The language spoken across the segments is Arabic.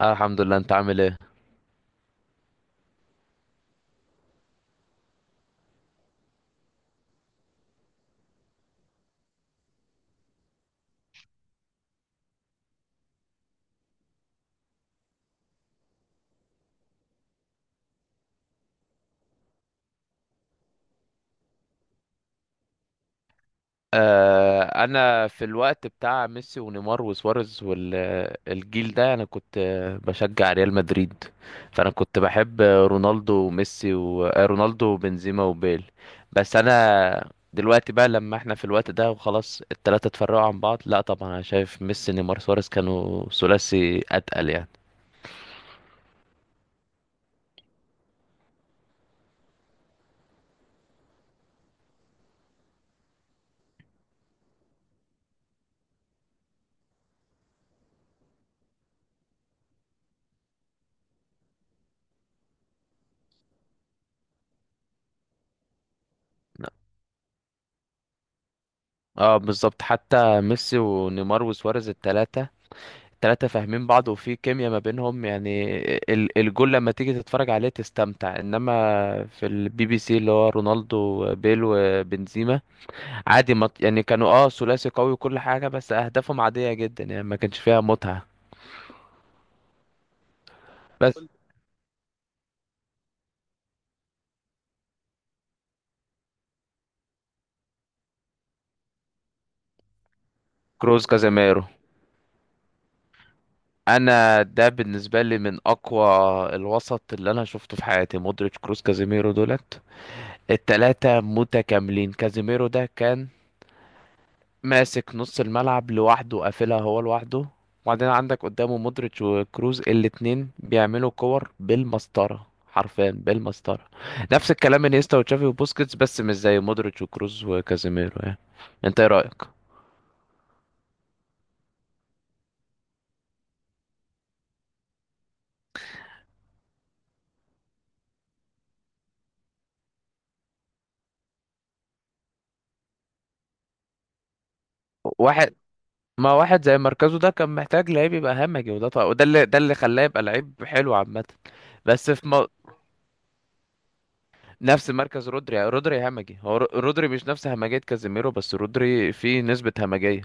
آه، الحمد لله، انت عامل ايه؟ انا في الوقت بتاع ميسي ونيمار وسواريز والجيل ده، انا كنت بشجع ريال مدريد. فانا كنت بحب رونالدو وميسي و... آه، رونالدو وبنزيما وبيل. بس انا دلوقتي بقى، لما احنا في الوقت ده وخلاص التلاتة اتفرقوا عن بعض، لا طبعا انا شايف ميسي نيمار سواريز كانوا ثلاثي اتقل يعني. اه، بالظبط، حتى ميسي ونيمار وسواريز التلاتة تلاتة فاهمين بعض وفي كيمياء ما بينهم، يعني الجول لما تيجي تتفرج عليه تستمتع. انما في البي بي سي، اللي هو رونالدو بيل وبنزيما، عادي، ما يعني كانوا ثلاثي قوي وكل حاجة، بس اهدافهم عادية جدا يعني، ما كانش فيها متعة. بس كروز كازاميرو، انا ده بالنسبة لي من اقوى الوسط اللي انا شفته في حياتي. مودريتش كروز كازاميرو دولت التلاتة متكاملين. كازيميرو ده كان ماسك نص الملعب لوحده وقافلها هو لوحده، وبعدين عندك قدامه مودريتش وكروز الاتنين بيعملوا كور بالمسطرة، حرفيا بالمسطرة. نفس الكلام انيستا وتشافي وبوسكيتس، بس مش زي مودريتش وكروز وكازيميرو يعني. انت ايه رأيك؟ واحد، ما واحد زي مركزه ده كان محتاج لعيب يبقى همجي، وده طبعا وده اللي ده اللي خلاه يبقى لعيب حلو عامة. بس في مو... نفس مركز رودري، يعني رودري همجي، هو رودري مش نفس همجية كازيميرو، بس رودري فيه نسبة همجية.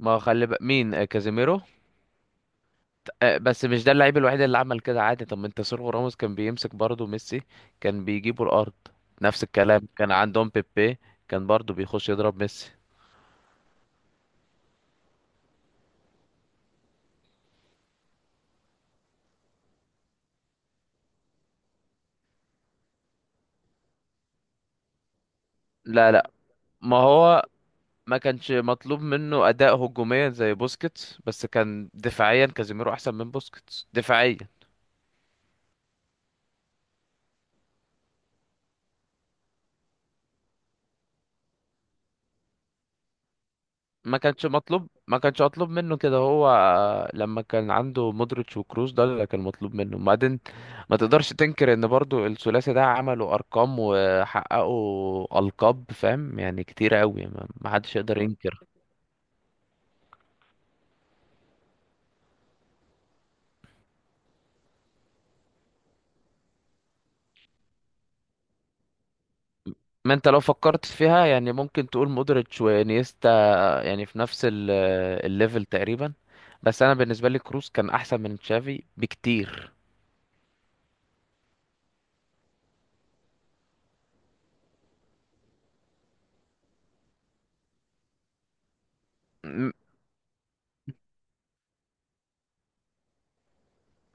ما هو خلي بقى مين، كازيميرو. بس مش ده اللعيب الوحيد اللي عمل كده، عادي. طب ما انت سيرخيو راموس كان بيمسك برضه ميسي، كان بيجيبوا الارض. نفس الكلام كان عندهم بيبي، كان برضه بيخش يضرب ميسي. لا لا. ما هو ما كانش مطلوب منه اداء هجوميا زي بوسكيتس، بس كان دفاعيا كازيميرو احسن من بوسكيتس دفاعيا. ما كانش مطلوب، ما كانش مطلوب منه كده. هو لما كان عنده مودريتش وكروس ده اللي كان مطلوب منه. وبعدين ما تقدرش تنكر ان برضو الثلاثي ده عملوا ارقام وحققوا القاب، فاهم، يعني كتير قوي، ما حدش يقدر ينكر. ما انت لو فكرت فيها يعني ممكن تقول مودريتش وانيستا يعني في نفس الليفل تقريبا، بس انا بالنسبه لي كروس كان احسن من تشافي بكتير.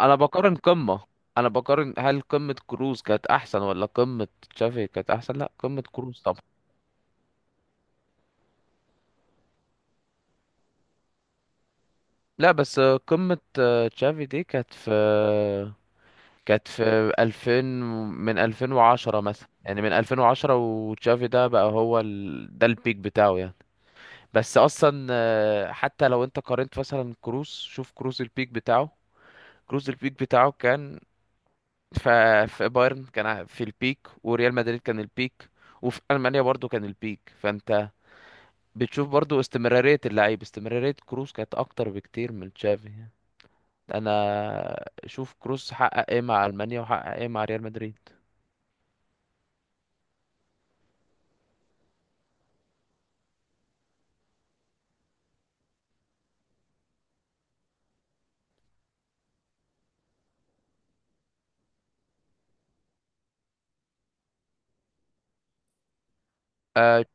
انا بقارن قمة، انا بقارن هل قمة كروز كانت احسن ولا قمة تشافي كانت احسن؟ لا، قمة كروز طبعا. لا، بس قمة تشافي دي كانت في كانت في 2000، من 2010 مثلا يعني، من 2010 وتشافي ده بقى هو ال... ده البيك بتاعه يعني. بس اصلا حتى لو انت قارنت مثلا كروز، شوف كروز البيك بتاعه، كروز البيك بتاعه كان ف- في بايرن كان في البيك، وريال مدريد كان البيك، وفي ألمانيا برضو كان البيك. فانت بتشوف برضو استمرارية اللعيب، استمرارية كروس كانت أكتر بكتير من تشافي يعني. أنا شوف كروس حقق إيه مع ألمانيا وحقق إيه مع ريال مدريد. أه.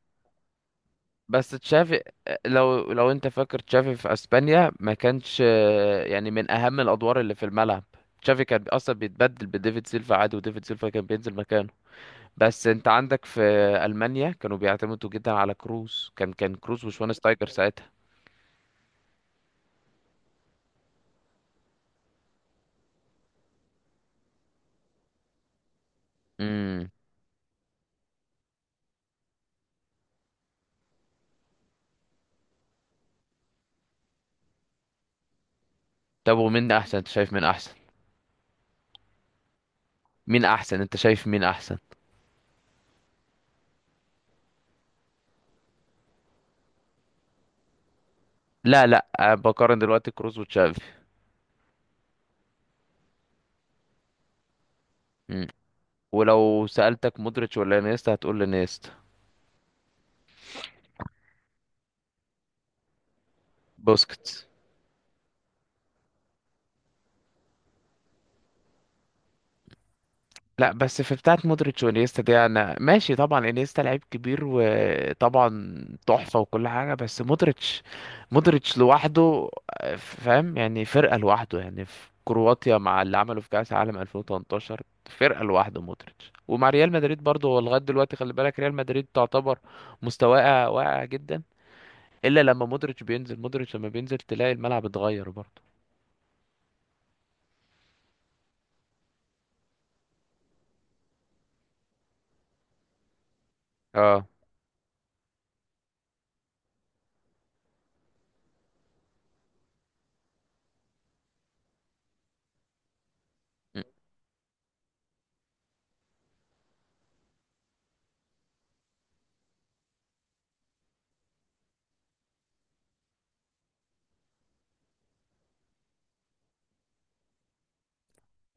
بس تشافي، لو لو أنت فاكر تشافي في أسبانيا ما كانش يعني من أهم الأدوار اللي في الملعب. تشافي كان أصلا بيتبدل بديفيد سيلفا عادي، وديفيد سيلفا كان بينزل مكانه. بس أنت عندك في ألمانيا كانوا بيعتمدوا جدا على كروس، كان كروس وشوانشتايجر ساعتها. امم طب ومين أحسن، أنت شايف مين أحسن؟ مين احسن، انت شايف مين احسن؟ لا لا، بقارن دلوقتي كروس وتشافي. مم. ولو سألتك مودريتش ولا انيستا هتقول لي انيستا. بوسكيتس. لا بس في بتاعه مودريتش وانيستا دي انا ماشي، طبعا انيستا لعيب كبير وطبعا تحفة وكل حاجة، بس مودريتش، مودريتش لوحده، فاهم يعني فرقة لوحده، يعني في كرواتيا مع اللي عمله في كأس عالم 2018 فرقة لوحده مودريتش، ومع ريال مدريد برضه هو لغاية دلوقتي، خلي بالك ريال مدريد تعتبر مستواه واقع جدا الا لما مودريتش بينزل، مودريتش لما بينزل تلاقي الملعب اتغير برضه. اه. م.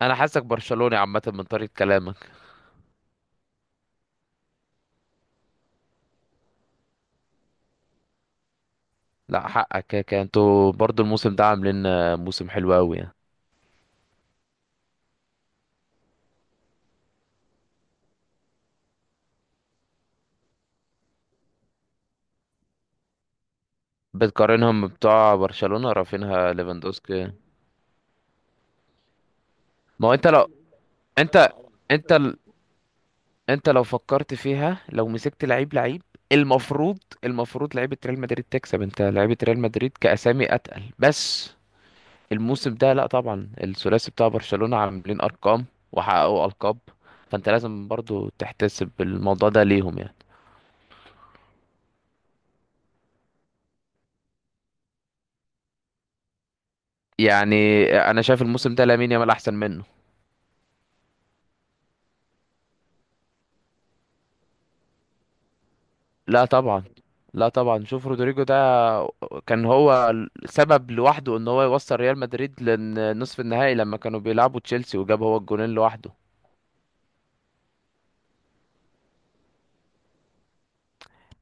انا حاسك برشلوني عامه من طريقه كلامك. لا، حقك، كده كده انتوا برضه الموسم ده عاملين موسم حلو قوي يعني. بتقارنهم بتوع برشلونه رافينها ليفاندوسكي؟ ما هو انت لو انت انت ال- انت لو فكرت فيها، لو مسكت لعيب لعيب، المفروض، لعيبه ريال مدريد تكسب. انت لعيبه ريال مدريد كاسامي اتقل، بس الموسم ده لا طبعا الثلاثي بتاع برشلونة عاملين ارقام وحققوا القاب، فانت لازم برضو تحتسب الموضوع ده ليهم يعني. يعني انا شايف الموسم ده لامين يامال احسن منه. لا طبعا، لا طبعا. شوف رودريجو ده، كان هو سبب لوحده ان هو يوصل ريال مدريد لنصف النهائي لما كانوا بيلعبوا تشيلسي وجاب هو الجونين لوحده.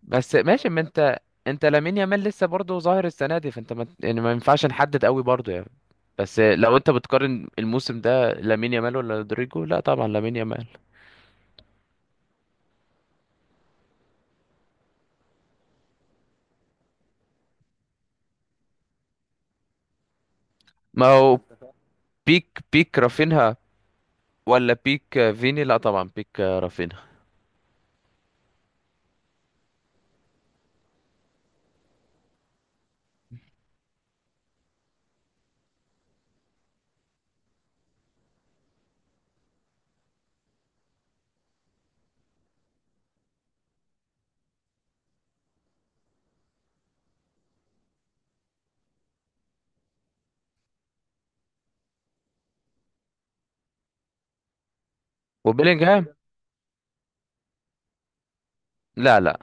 بس ماشي، ما انت لامين يامال لسه برضه ظاهر السنه دي، فانت ما يعني ما ينفعش نحدد قوي برضه يعني. بس لو انت بتقارن الموسم ده لامين يامال ولا رودريجو، لا طبعا لامين يامال. ما هو بيك رافينها ولا بيك فيني؟ لا طبعا بيك رافينها. وبيلينغهام. لا لا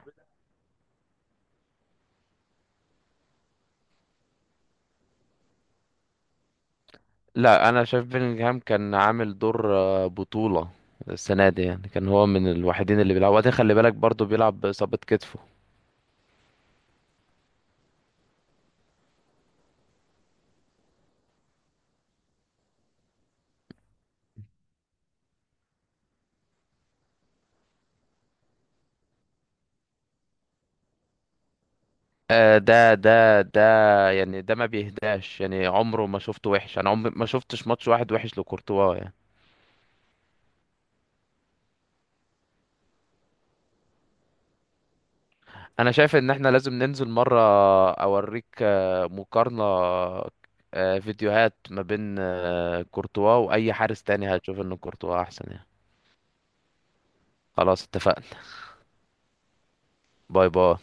لا، انا شايف بيلينغهام كان عامل دور بطولة السنة دي، يعني كان هو من الوحيدين اللي بيلعب، وبعدين خلي بالك برضه بيلعب بإصابة كتفه. آه، ده يعني ده ما بيهداش يعني، عمره ما شفته وحش، انا عمري ما شفتش ماتش واحد وحش لكورتوا يعني. انا شايف ان احنا لازم ننزل مرة اوريك مقارنة فيديوهات ما بين كورتوا واي حارس تاني هتشوف ان كورتوا احسن يعني. خلاص اتفقنا. باي باي.